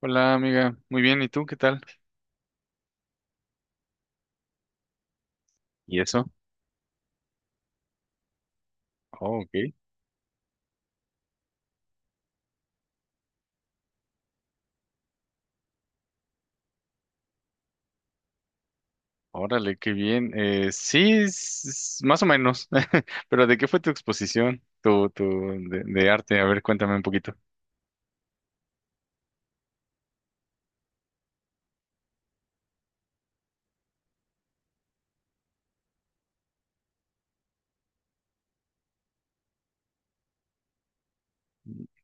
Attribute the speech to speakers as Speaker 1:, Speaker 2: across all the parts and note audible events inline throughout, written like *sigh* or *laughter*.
Speaker 1: Hola amiga, muy bien, ¿y tú qué tal? ¿Y eso? Oh, ok, órale, qué bien. Sí, es más o menos, *laughs* pero ¿de qué fue tu exposición, de arte? A ver, cuéntame un poquito.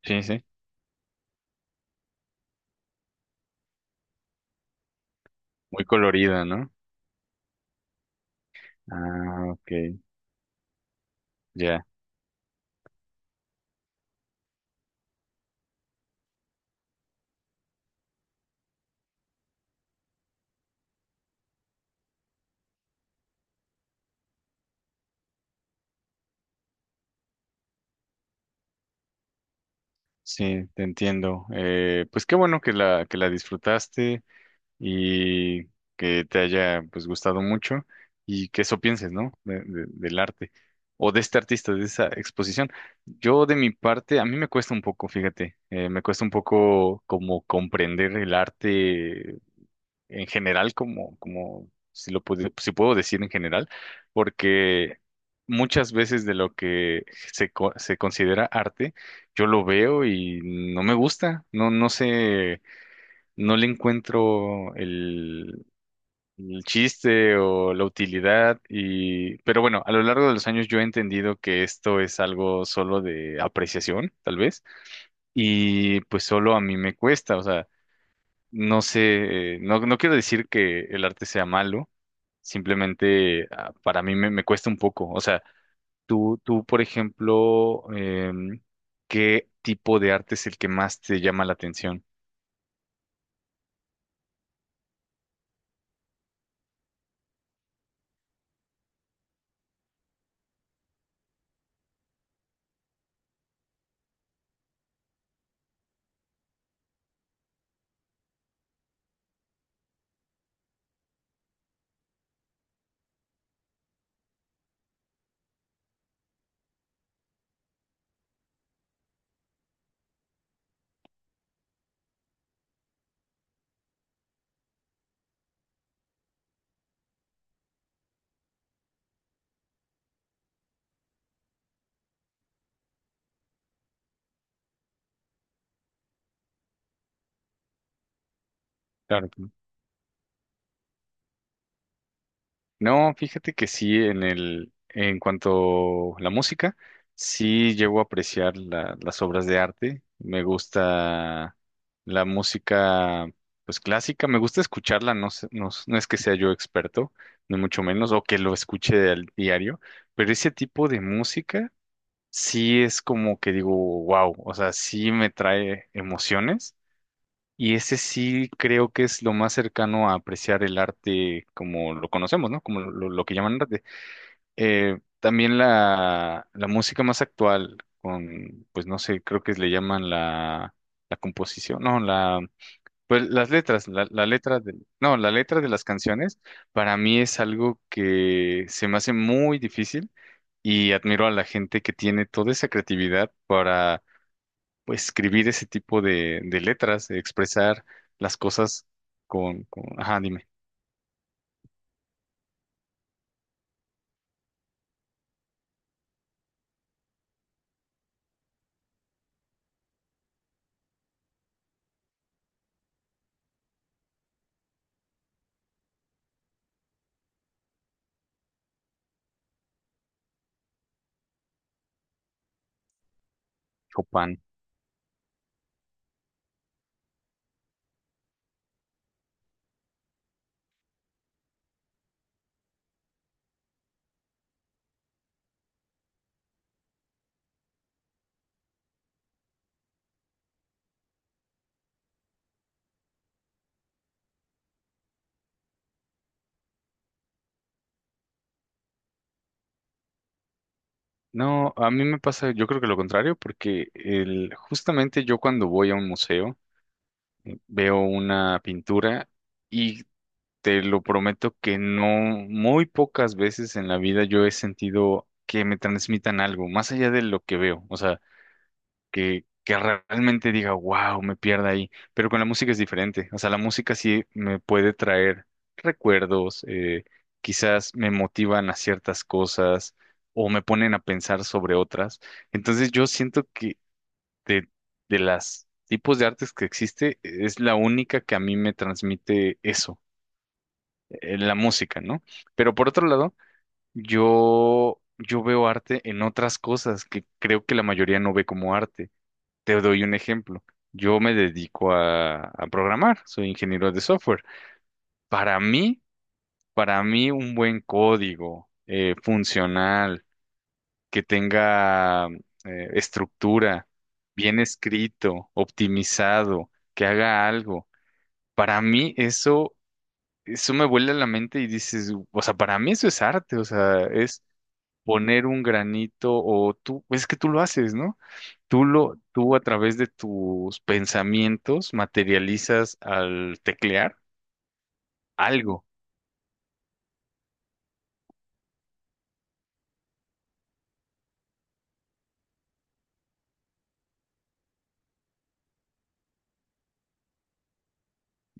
Speaker 1: Sí, sí, muy colorida, ¿no? Ah, ok, ya. Sí, te entiendo. Pues qué bueno que que la disfrutaste, y que te haya pues gustado mucho, y que eso pienses, ¿no? Del arte o de este artista, de esa exposición. Yo de mi parte, a mí me cuesta un poco, fíjate, me cuesta un poco como comprender el arte en general, como, como si lo puedo, si puedo decir en general, porque muchas veces de lo que se considera arte, yo lo veo y no me gusta, no, no sé, no le encuentro el chiste o la utilidad, y pero bueno, a lo largo de los años yo he entendido que esto es algo solo de apreciación, tal vez, y pues solo a mí me cuesta, o sea, no sé, no, no quiero decir que el arte sea malo, simplemente para mí me cuesta un poco, o sea, tú, por ejemplo, em, ¿qué tipo de arte es el que más te llama la atención? Claro. No, fíjate que sí, en el, en cuanto a la música, sí llego a apreciar las obras de arte. Me gusta la música, pues clásica, me gusta escucharla, no, no, no es que sea yo experto, ni mucho menos, o que lo escuche al diario, pero ese tipo de música sí es como que digo, wow, o sea, sí me trae emociones, y ese sí creo que es lo más cercano a apreciar el arte como lo conocemos, ¿no? Como lo que llaman arte. También la música más actual, con, pues no sé, creo que le llaman la composición, no, la, pues las letras, la letra de, no, la letra de las canciones, para mí es algo que se me hace muy difícil, y admiro a la gente que tiene toda esa creatividad para pues, escribir ese tipo de letras, de expresar las cosas con, ajá, dime, Copán. No, a mí me pasa, yo creo que lo contrario, porque el, justamente yo cuando voy a un museo veo una pintura y te lo prometo que no, muy pocas veces en la vida yo he sentido que me transmitan algo, más allá de lo que veo. O sea, que realmente diga, wow, me pierda ahí. Pero con la música es diferente. O sea, la música sí me puede traer recuerdos, quizás me motivan a ciertas cosas o me ponen a pensar sobre otras. Entonces yo siento que de, de las tipos de artes que existe, es la única que a mí me transmite eso, la música, ¿no? Pero por otro lado, yo veo arte en otras cosas que creo que la mayoría no ve como arte. Te doy un ejemplo. Yo me dedico a programar, soy ingeniero de software. Para mí, para mí un buen código funcional, que tenga estructura, bien escrito, optimizado, que haga algo. Para mí eso, eso me vuela la mente y dices, o sea, para mí eso es arte, o sea, es poner un granito o tú, es que tú lo haces, ¿no? Tú a través de tus pensamientos materializas al teclear algo.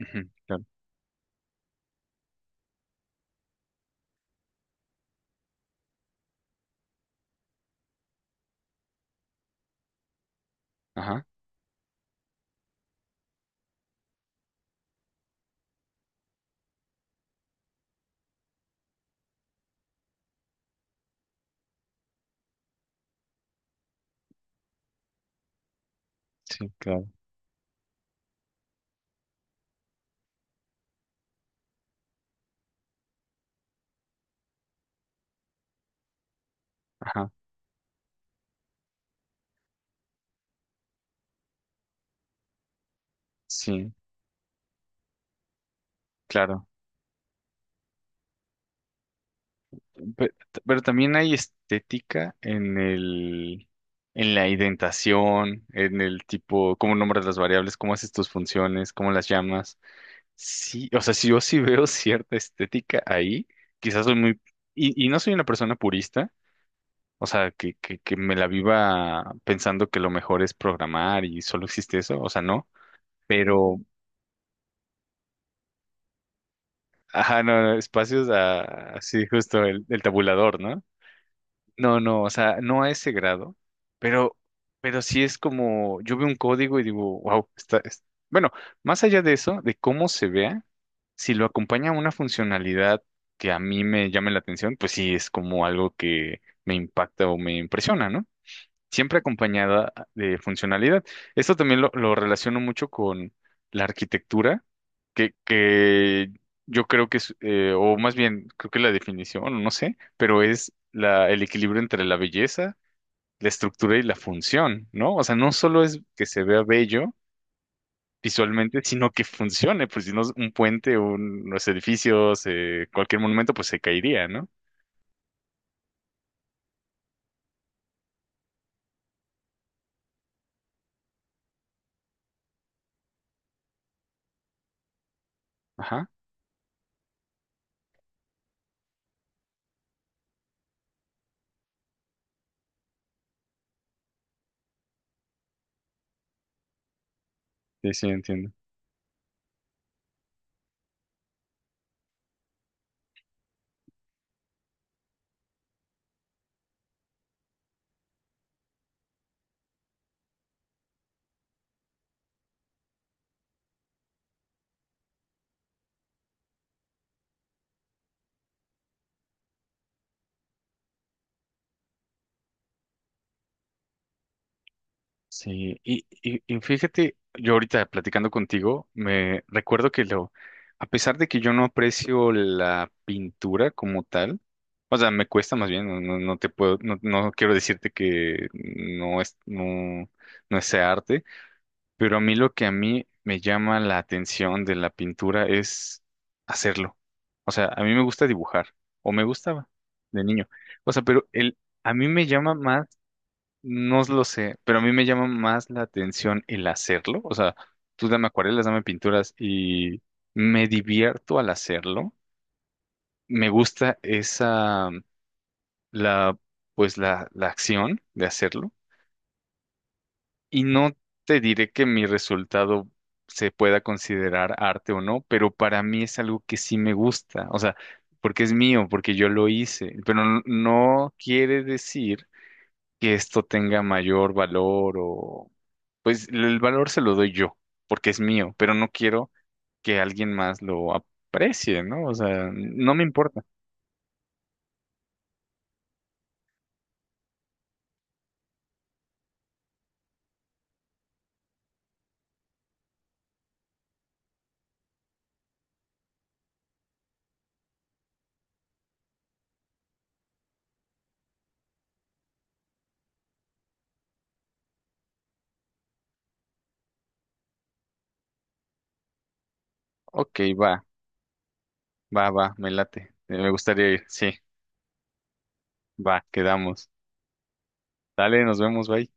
Speaker 1: Ujú, claro. Ajá, sí, claro. Ajá, sí, claro. Pe- Pero, también hay estética en el, en la indentación, en el tipo, cómo nombras las variables, cómo haces tus funciones, cómo las llamas. Sí, o sea, si yo sí veo *laughs* cierta estética ahí, quizás soy muy, y no soy una persona purista. O sea, que me la viva pensando que lo mejor es programar y solo existe eso, o sea, no, pero, ajá, no, no, espacios así justo el tabulador, ¿no? No, no, o sea, no a ese grado, pero, pero sí es como, yo veo un código y digo, wow, está, es-". Bueno, más allá de eso, de cómo se vea, si lo acompaña una funcionalidad que a mí me llame la atención, pues sí es como algo que me impacta o me impresiona, ¿no? Siempre acompañada de funcionalidad. Esto también lo relaciono mucho con la arquitectura, que yo creo que es, o más bien, creo que la definición, no sé, pero es la, el equilibrio entre la belleza, la estructura y la función, ¿no? O sea, no solo es que se vea bello visualmente, sino que funcione, pues si no un puente, unos edificios, cualquier monumento, pues se caería, ¿no? Ajá, sí, sí, entiendo. Sí, y fíjate, yo ahorita platicando contigo, me recuerdo que lo, a pesar de que yo no aprecio la pintura como tal, o sea, me cuesta más bien, no, no, no te puedo, no, no quiero decirte que no es, no, no es arte, pero a mí lo que a mí me llama la atención de la pintura es hacerlo. O sea, a mí me gusta dibujar, o me gustaba de niño. O sea, pero el, a mí me llama más, no lo sé, pero a mí me llama más la atención el hacerlo. O sea, tú dame acuarelas, dame pinturas y me divierto al hacerlo. Me gusta esa, la, pues la acción de hacerlo. Y no te diré que mi resultado se pueda considerar arte o no, pero para mí es algo que sí me gusta. O sea, porque es mío, porque yo lo hice, pero no no quiere decir que esto tenga mayor valor o... Pues el valor se lo doy yo, porque es mío, pero no quiero que alguien más lo aprecie, ¿no? O sea, no me importa. Ok, va, va, va, me late. Me gustaría ir, sí, va, quedamos. Dale, nos vemos, bye.